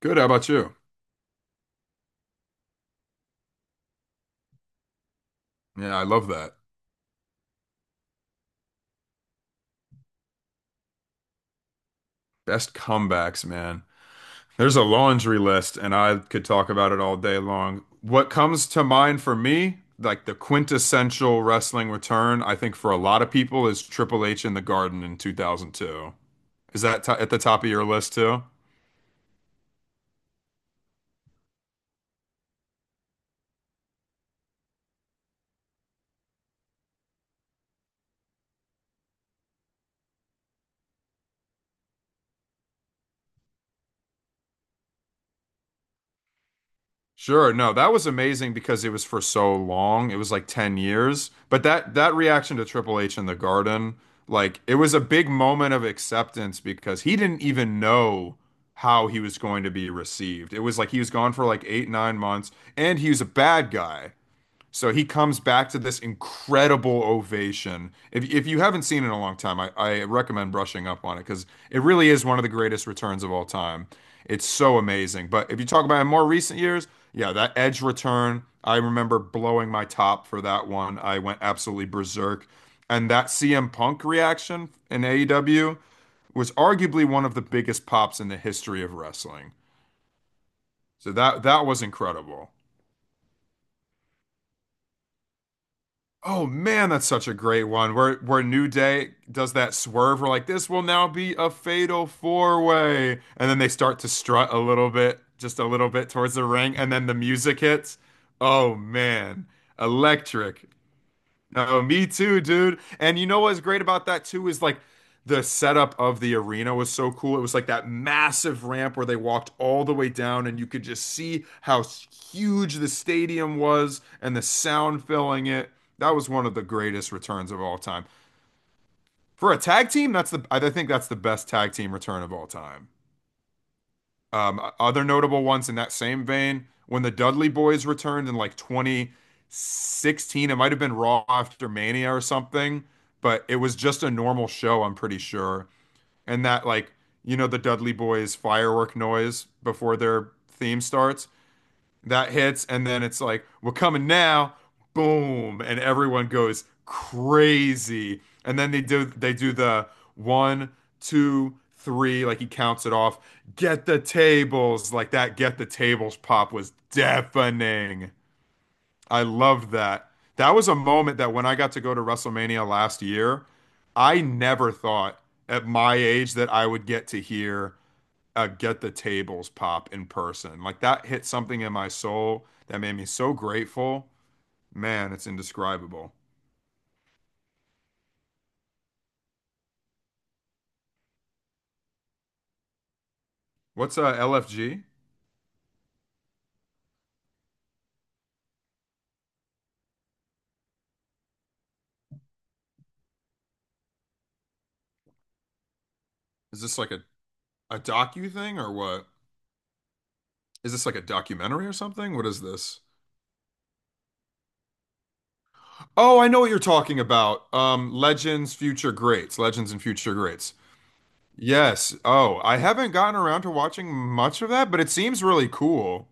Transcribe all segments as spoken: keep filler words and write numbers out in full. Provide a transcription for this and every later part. Good. How about you? Yeah, I love that. Best comebacks, man. There's a laundry list, and I could talk about it all day long. What comes to mind for me, like the quintessential wrestling return, I think for a lot of people, is Triple H in the Garden in two thousand two. Is that to- at the top of your list too? Sure, no, that was amazing because it was for so long. It was like ten years. But that that reaction to Triple H in the Garden, like it was a big moment of acceptance because he didn't even know how he was going to be received. It was like he was gone for like eight, nine months and he was a bad guy. So he comes back to this incredible ovation. If, if you haven't seen it in a long time, I, I recommend brushing up on it because it really is one of the greatest returns of all time. It's so amazing. But if you talk about in more recent years, yeah, that Edge return, I remember blowing my top for that one. I went absolutely berserk. And that C M Punk reaction in A E W was arguably one of the biggest pops in the history of wrestling. So that that was incredible. Oh man, that's such a great one. Where where New Day does that swerve, we're like, this will now be a fatal four way. And then they start to strut a little bit, just a little bit towards the ring, and then the music hits. Oh man, electric. No, me too, dude. And you know what's great about that too is like the setup of the arena was so cool. It was like that massive ramp where they walked all the way down, and you could just see how huge the stadium was and the sound filling it. That was one of the greatest returns of all time. For a tag team, that's the I think that's the best tag team return of all time. Um, other notable ones in that same vein, when the Dudley Boys returned in like twenty sixteen, it might have been Raw after Mania or something, but it was just a normal show, I'm pretty sure. And that, like, you know, the Dudley Boys firework noise before their theme starts that hits, and then it's like, we're coming now, boom, and everyone goes crazy. And then they do they do the one, two, three, like he counts it off. Get the tables, like that. Get the tables pop was deafening. I loved that. That was a moment that when I got to go to WrestleMania last year, I never thought at my age that I would get to hear uh, Get the Tables Pop in person. Like that hit something in my soul that made me so grateful. Man, it's indescribable. What's uh, L F G? Is this like a, a docu thing or what? Is this like a documentary or something? What is this? Oh, I know what you're talking about. Um, Legends, Future Greats, Legends and Future Greats. Yes. Oh, I haven't gotten around to watching much of that, but it seems really cool.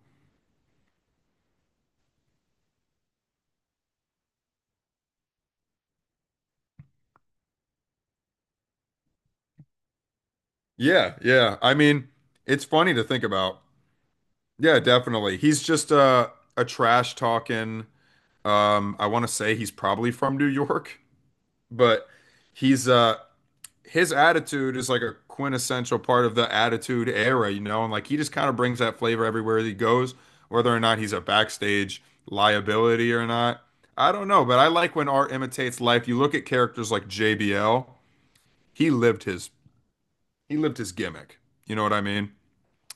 Yeah, yeah. I mean, it's funny to think about. Yeah, definitely. He's just a a trash talking. Um, I want to say he's probably from New York, but he's uh his attitude is like a quintessential part of the attitude era, you know, and like he just kind of brings that flavor everywhere he goes, whether or not he's a backstage liability or not. I don't know, but I like when art imitates life. You look at characters like J B L, he lived his he lived his gimmick. You know what I mean?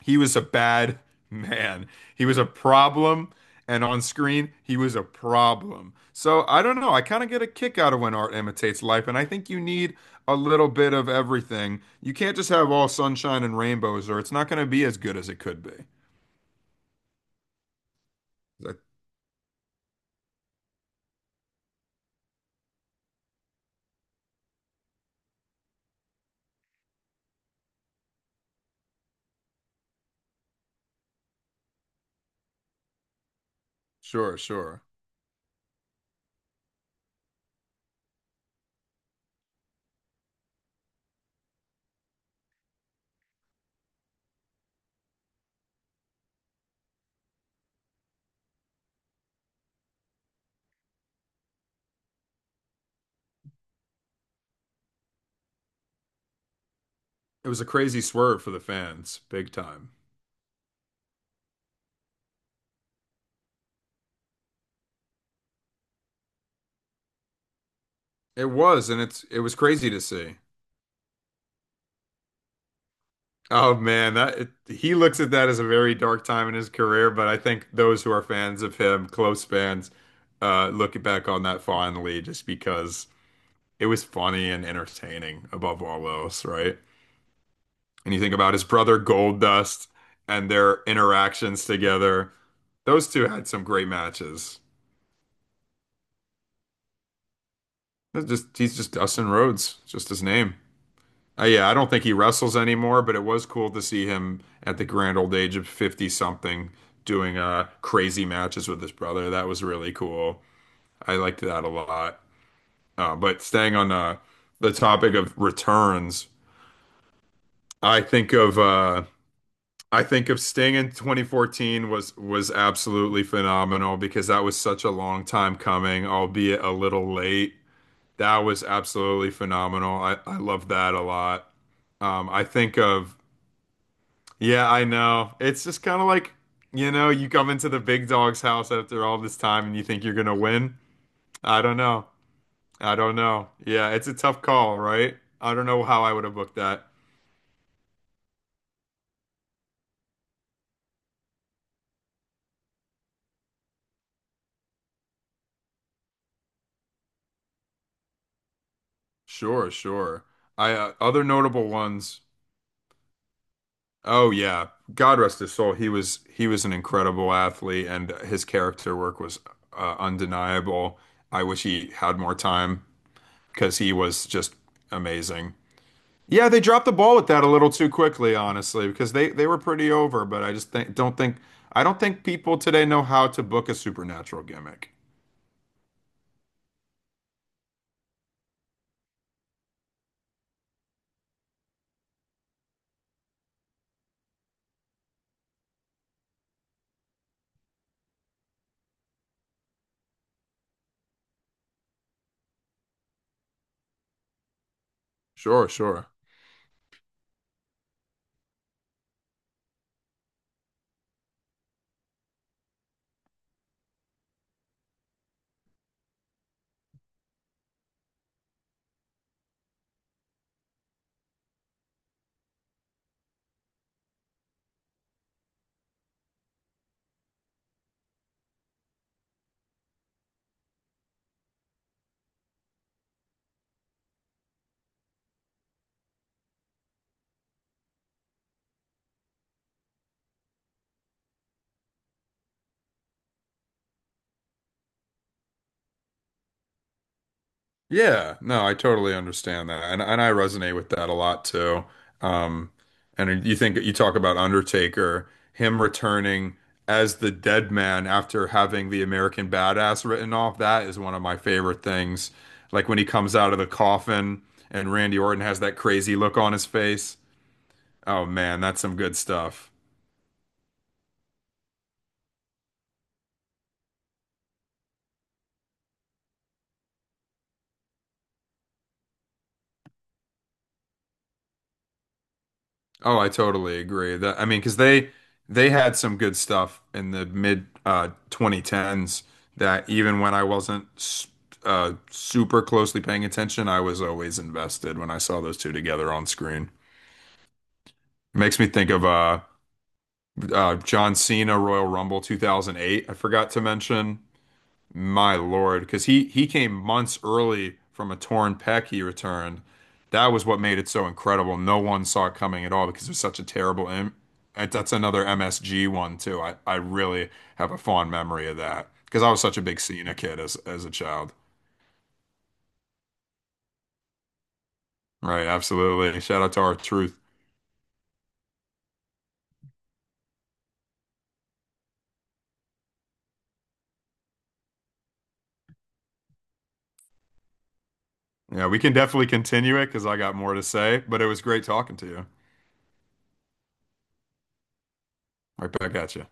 He was a bad man. He was a problem, and on screen, he was a problem. So I don't know. I kind of get a kick out of when art imitates life, and I think you need a little bit of everything. You can't just have all sunshine and rainbows, or it's not going to be as good as it could be. Like, sure, sure. It was a crazy swerve for the fans, big time. It was, and it's it was crazy to see. Oh man, that it, he looks at that as a very dark time in his career, but I think those who are fans of him, close fans, uh, look back on that fondly just because it was funny and entertaining above all else, right? And you think about his brother Goldust and their interactions together. Those two had some great matches. That's just he's just Dustin Rhodes, just his name. Uh, yeah, I don't think he wrestles anymore, but it was cool to see him at the grand old age of fifty something doing uh crazy matches with his brother. That was really cool. I liked that a lot. Uh, but staying on uh, the topic of returns, I think of uh I think of Sting in twenty fourteen was was absolutely phenomenal because that was such a long time coming, albeit a little late. That was absolutely phenomenal. I I love that a lot. Um, I think of Yeah, I know. It's just kind of like, you know, you come into the big dog's house after all this time and you think you're gonna win. I don't know. I don't know. Yeah, it's a tough call, right? I don't know how I would have booked that. Sure, sure. I uh, Other notable ones. Oh yeah. God rest his soul. He was he was an incredible athlete and his character work was uh, undeniable. I wish he had more time because he was just amazing. Yeah, they dropped the ball with that a little too quickly, honestly, because they they were pretty over, but I just think don't think I don't think people today know how to book a supernatural gimmick. Sure, sure. Yeah, no, I totally understand that. And and I resonate with that a lot too. Um and you think you talk about Undertaker, him returning as the dead man after having the American Badass written off, that is one of my favorite things. Like when he comes out of the coffin and Randy Orton has that crazy look on his face. Oh man, that's some good stuff. Oh, I totally agree. That I mean, because they they had some good stuff in the mid uh, twenty tens that even when I wasn't s- uh, super closely paying attention, I was always invested when I saw those two together on screen. Makes me think of uh, uh, John Cena Royal Rumble two thousand eight. I forgot to mention My lord, because he he came months early from a torn pec he returned. That was what made it so incredible. No one saw it coming at all because it was such a terrible im That's another M S G one too. I, I really have a fond memory of that because I was such a big Cena kid as as a child. Right, absolutely. Shout out to our truth. Yeah, we can definitely continue it because I got more to say, but it was great talking to you. Right back at you.